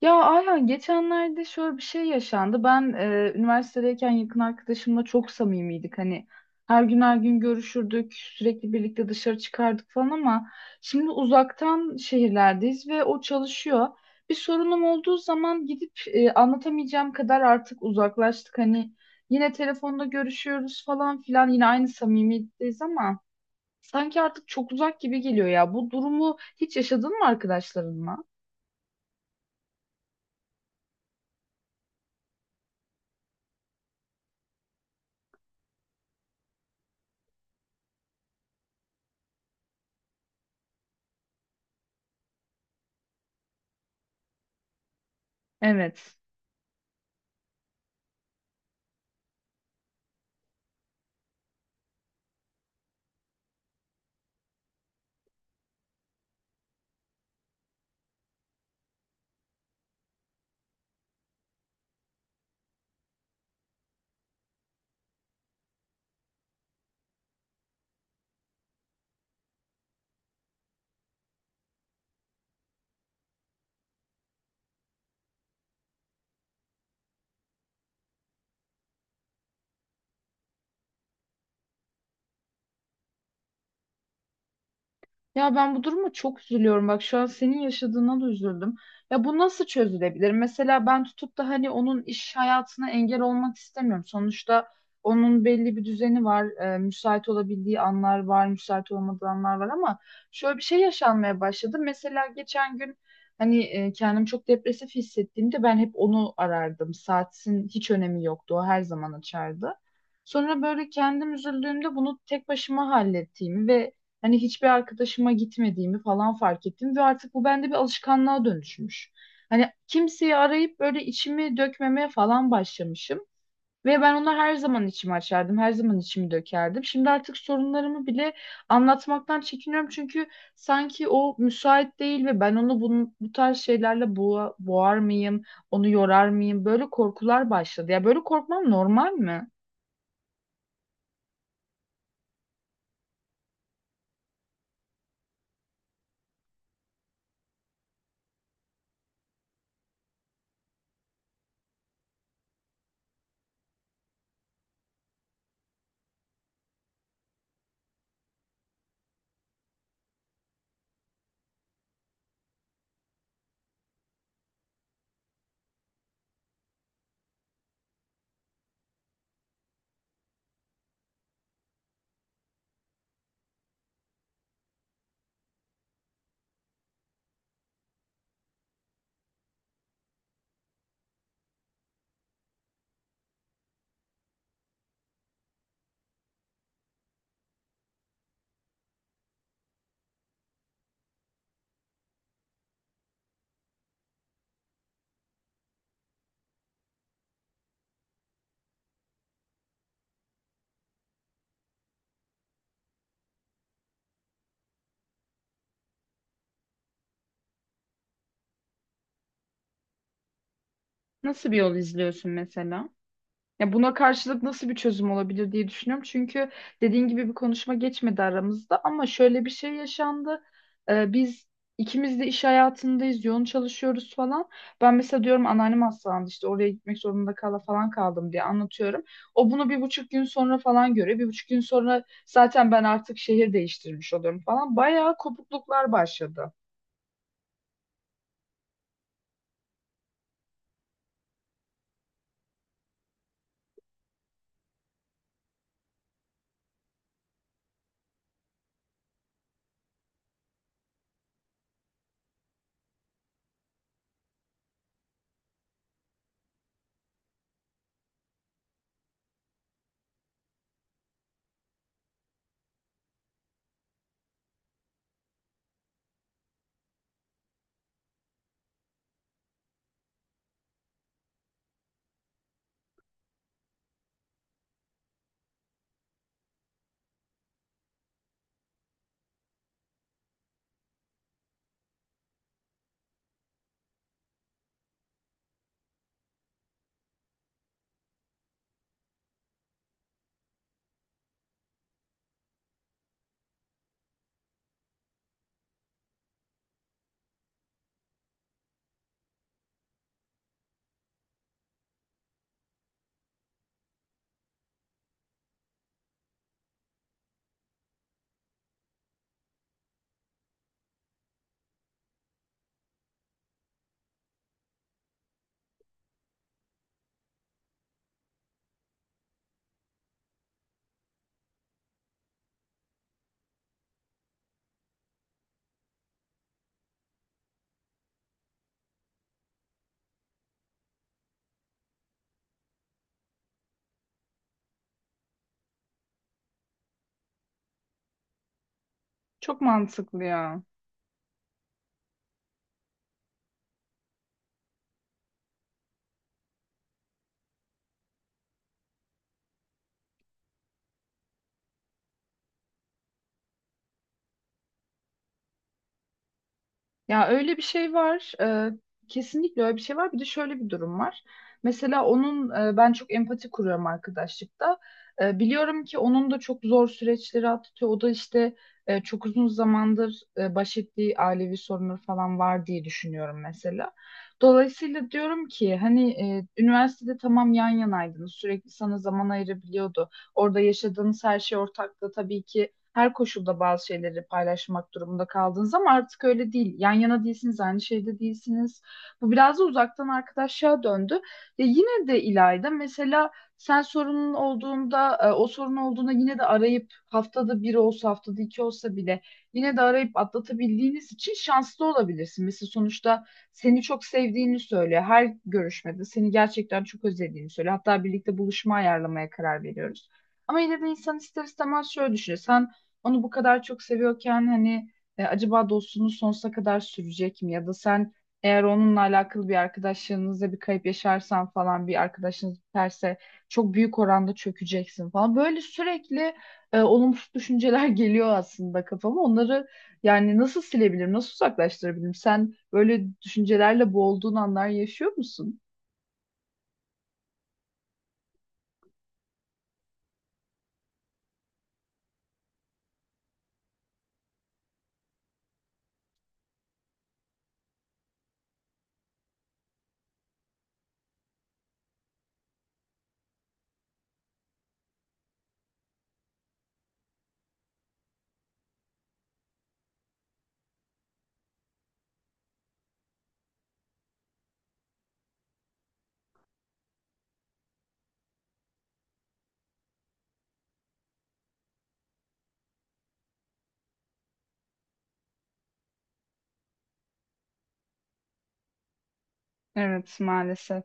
Ya Ayhan geçenlerde şöyle bir şey yaşandı. Ben üniversitedeyken yakın arkadaşımla çok samimiydik. Hani her gün her gün görüşürdük, sürekli birlikte dışarı çıkardık falan ama şimdi uzaktan şehirlerdeyiz ve o çalışıyor. Bir sorunum olduğu zaman gidip anlatamayacağım kadar artık uzaklaştık. Hani yine telefonda görüşüyoruz falan filan yine aynı samimiyetteyiz ama sanki artık çok uzak gibi geliyor ya. Bu durumu hiç yaşadın mı arkadaşlarınla? Evet. Ya ben bu duruma çok üzülüyorum. Bak şu an senin yaşadığına da üzüldüm. Ya bu nasıl çözülebilir? Mesela ben tutup da hani onun iş hayatına engel olmak istemiyorum. Sonuçta onun belli bir düzeni var. Müsait olabildiği anlar var, müsait olmadığı anlar var ama şöyle bir şey yaşanmaya başladı. Mesela geçen gün hani kendimi çok depresif hissettiğimde ben hep onu arardım. Saatin hiç önemi yoktu. O her zaman açardı. Sonra böyle kendim üzüldüğümde bunu tek başıma hallettiğimi ve hani hiçbir arkadaşıma gitmediğimi falan fark ettim ve artık bu bende bir alışkanlığa dönüşmüş. Hani kimseyi arayıp böyle içimi dökmemeye falan başlamışım. Ve ben ona her zaman içimi açardım, her zaman içimi dökerdim. Şimdi artık sorunlarımı bile anlatmaktan çekiniyorum çünkü sanki o müsait değil ve ben onu bunun, bu tarz şeylerle boğar mıyım, onu yorar mıyım? Böyle korkular başladı. Ya böyle korkmam normal mi? Nasıl bir yol izliyorsun mesela? Ya buna karşılık nasıl bir çözüm olabilir diye düşünüyorum. Çünkü dediğin gibi bir konuşma geçmedi aramızda ama şöyle bir şey yaşandı. Biz ikimiz de iş hayatındayız, yoğun çalışıyoruz falan. Ben mesela diyorum anneannem hastalandı işte oraya gitmek zorunda falan kaldım diye anlatıyorum. O bunu bir buçuk gün sonra falan görüyor. Bir buçuk gün sonra zaten ben artık şehir değiştirmiş oluyorum falan. Bayağı kopukluklar başladı. Çok mantıklı ya. Ya öyle bir şey var. Kesinlikle öyle bir şey var. Bir de şöyle bir durum var. Mesela onun ben çok empati kuruyorum arkadaşlıkta. Biliyorum ki onun da çok zor süreçleri atlatıyor. O da işte çok uzun zamandır baş ettiği ailevi sorunları falan var diye düşünüyorum mesela. Dolayısıyla diyorum ki hani üniversitede tamam yan yanaydınız. Sürekli sana zaman ayırabiliyordu. Orada yaşadığınız her şey ortaktı. Tabii ki her koşulda bazı şeyleri paylaşmak durumunda kaldınız ama artık öyle değil. Yan yana değilsiniz, aynı şeyde değilsiniz. Bu biraz da uzaktan arkadaşlığa döndü. Ya yine de İlayda mesela sen sorunun olduğunda, o sorun olduğunda yine de arayıp haftada bir olsa, haftada iki olsa bile yine de arayıp atlatabildiğiniz için şanslı olabilirsin. Mesela sonuçta seni çok sevdiğini söylüyor. Her görüşmede seni gerçekten çok özlediğini söylüyor. Hatta birlikte buluşma ayarlamaya karar veriyoruz. Ama yine de insan ister istemez şöyle düşünüyor. Sen onu bu kadar çok seviyorken hani acaba dostluğunuz sonsuza kadar sürecek mi? Ya da sen eğer onunla alakalı bir arkadaşlığınızda bir kayıp yaşarsan falan bir arkadaşınız biterse çok büyük oranda çökeceksin falan. Böyle sürekli olumsuz düşünceler geliyor aslında kafama. Onları yani nasıl silebilirim, nasıl uzaklaştırabilirim? Sen böyle düşüncelerle boğulduğun anlar yaşıyor musun? Evet maalesef.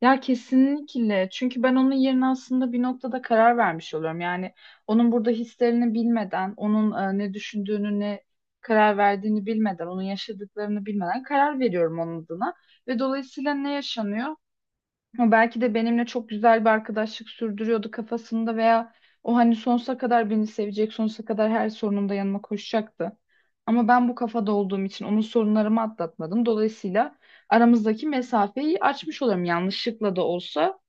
Ya kesinlikle. Çünkü ben onun yerine aslında bir noktada karar vermiş oluyorum. Yani onun burada hislerini bilmeden, onun ne düşündüğünü, ne karar verdiğini bilmeden, onun yaşadıklarını bilmeden karar veriyorum onun adına. Ve dolayısıyla ne yaşanıyor? O belki de benimle çok güzel bir arkadaşlık sürdürüyordu kafasında veya o hani sonsuza kadar beni sevecek, sonsuza kadar her sorunumda yanıma koşacaktı. Ama ben bu kafada olduğum için onun sorunlarımı atlatmadım. Dolayısıyla aramızdaki mesafeyi açmış oluyorum yanlışlıkla da olsa.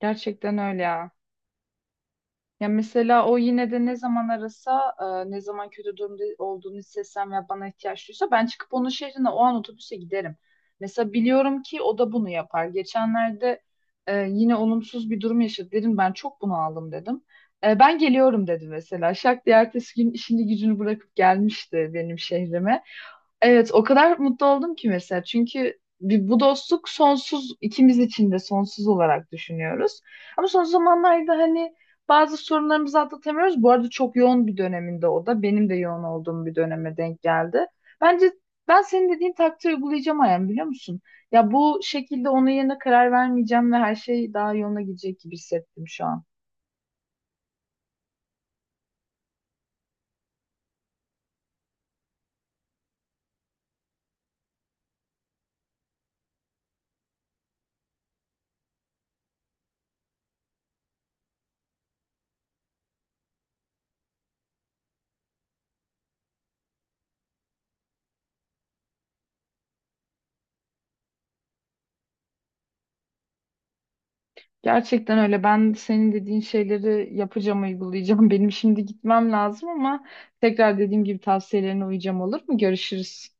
Gerçekten öyle ya. Ya mesela o yine de ne zaman arasa, ne zaman kötü durumda olduğunu hissetsem ve bana ihtiyaç duysa ben çıkıp onun şehrine o an otobüse giderim. Mesela biliyorum ki o da bunu yapar. Geçenlerde yine olumsuz bir durum yaşadı. Dedim ben çok bunaldım dedim. Ben geliyorum dedi mesela. Şak diye ertesi gün işini gücünü bırakıp gelmişti benim şehrime. Evet o kadar mutlu oldum ki mesela. Çünkü bu dostluk sonsuz ikimiz için de sonsuz olarak düşünüyoruz. Ama son zamanlarda hani bazı sorunlarımızı atlatamıyoruz. Bu arada çok yoğun bir döneminde o da. Benim de yoğun olduğum bir döneme denk geldi. Bence ben senin dediğin taktiği uygulayacağım Ayhan biliyor musun? Ya bu şekilde onun yerine karar vermeyeceğim ve her şey daha yoluna gidecek gibi hissettim şu an. Gerçekten öyle. Ben senin dediğin şeyleri yapacağım, uygulayacağım. Benim şimdi gitmem lazım ama tekrar dediğim gibi tavsiyelerine uyacağım olur mu? Görüşürüz.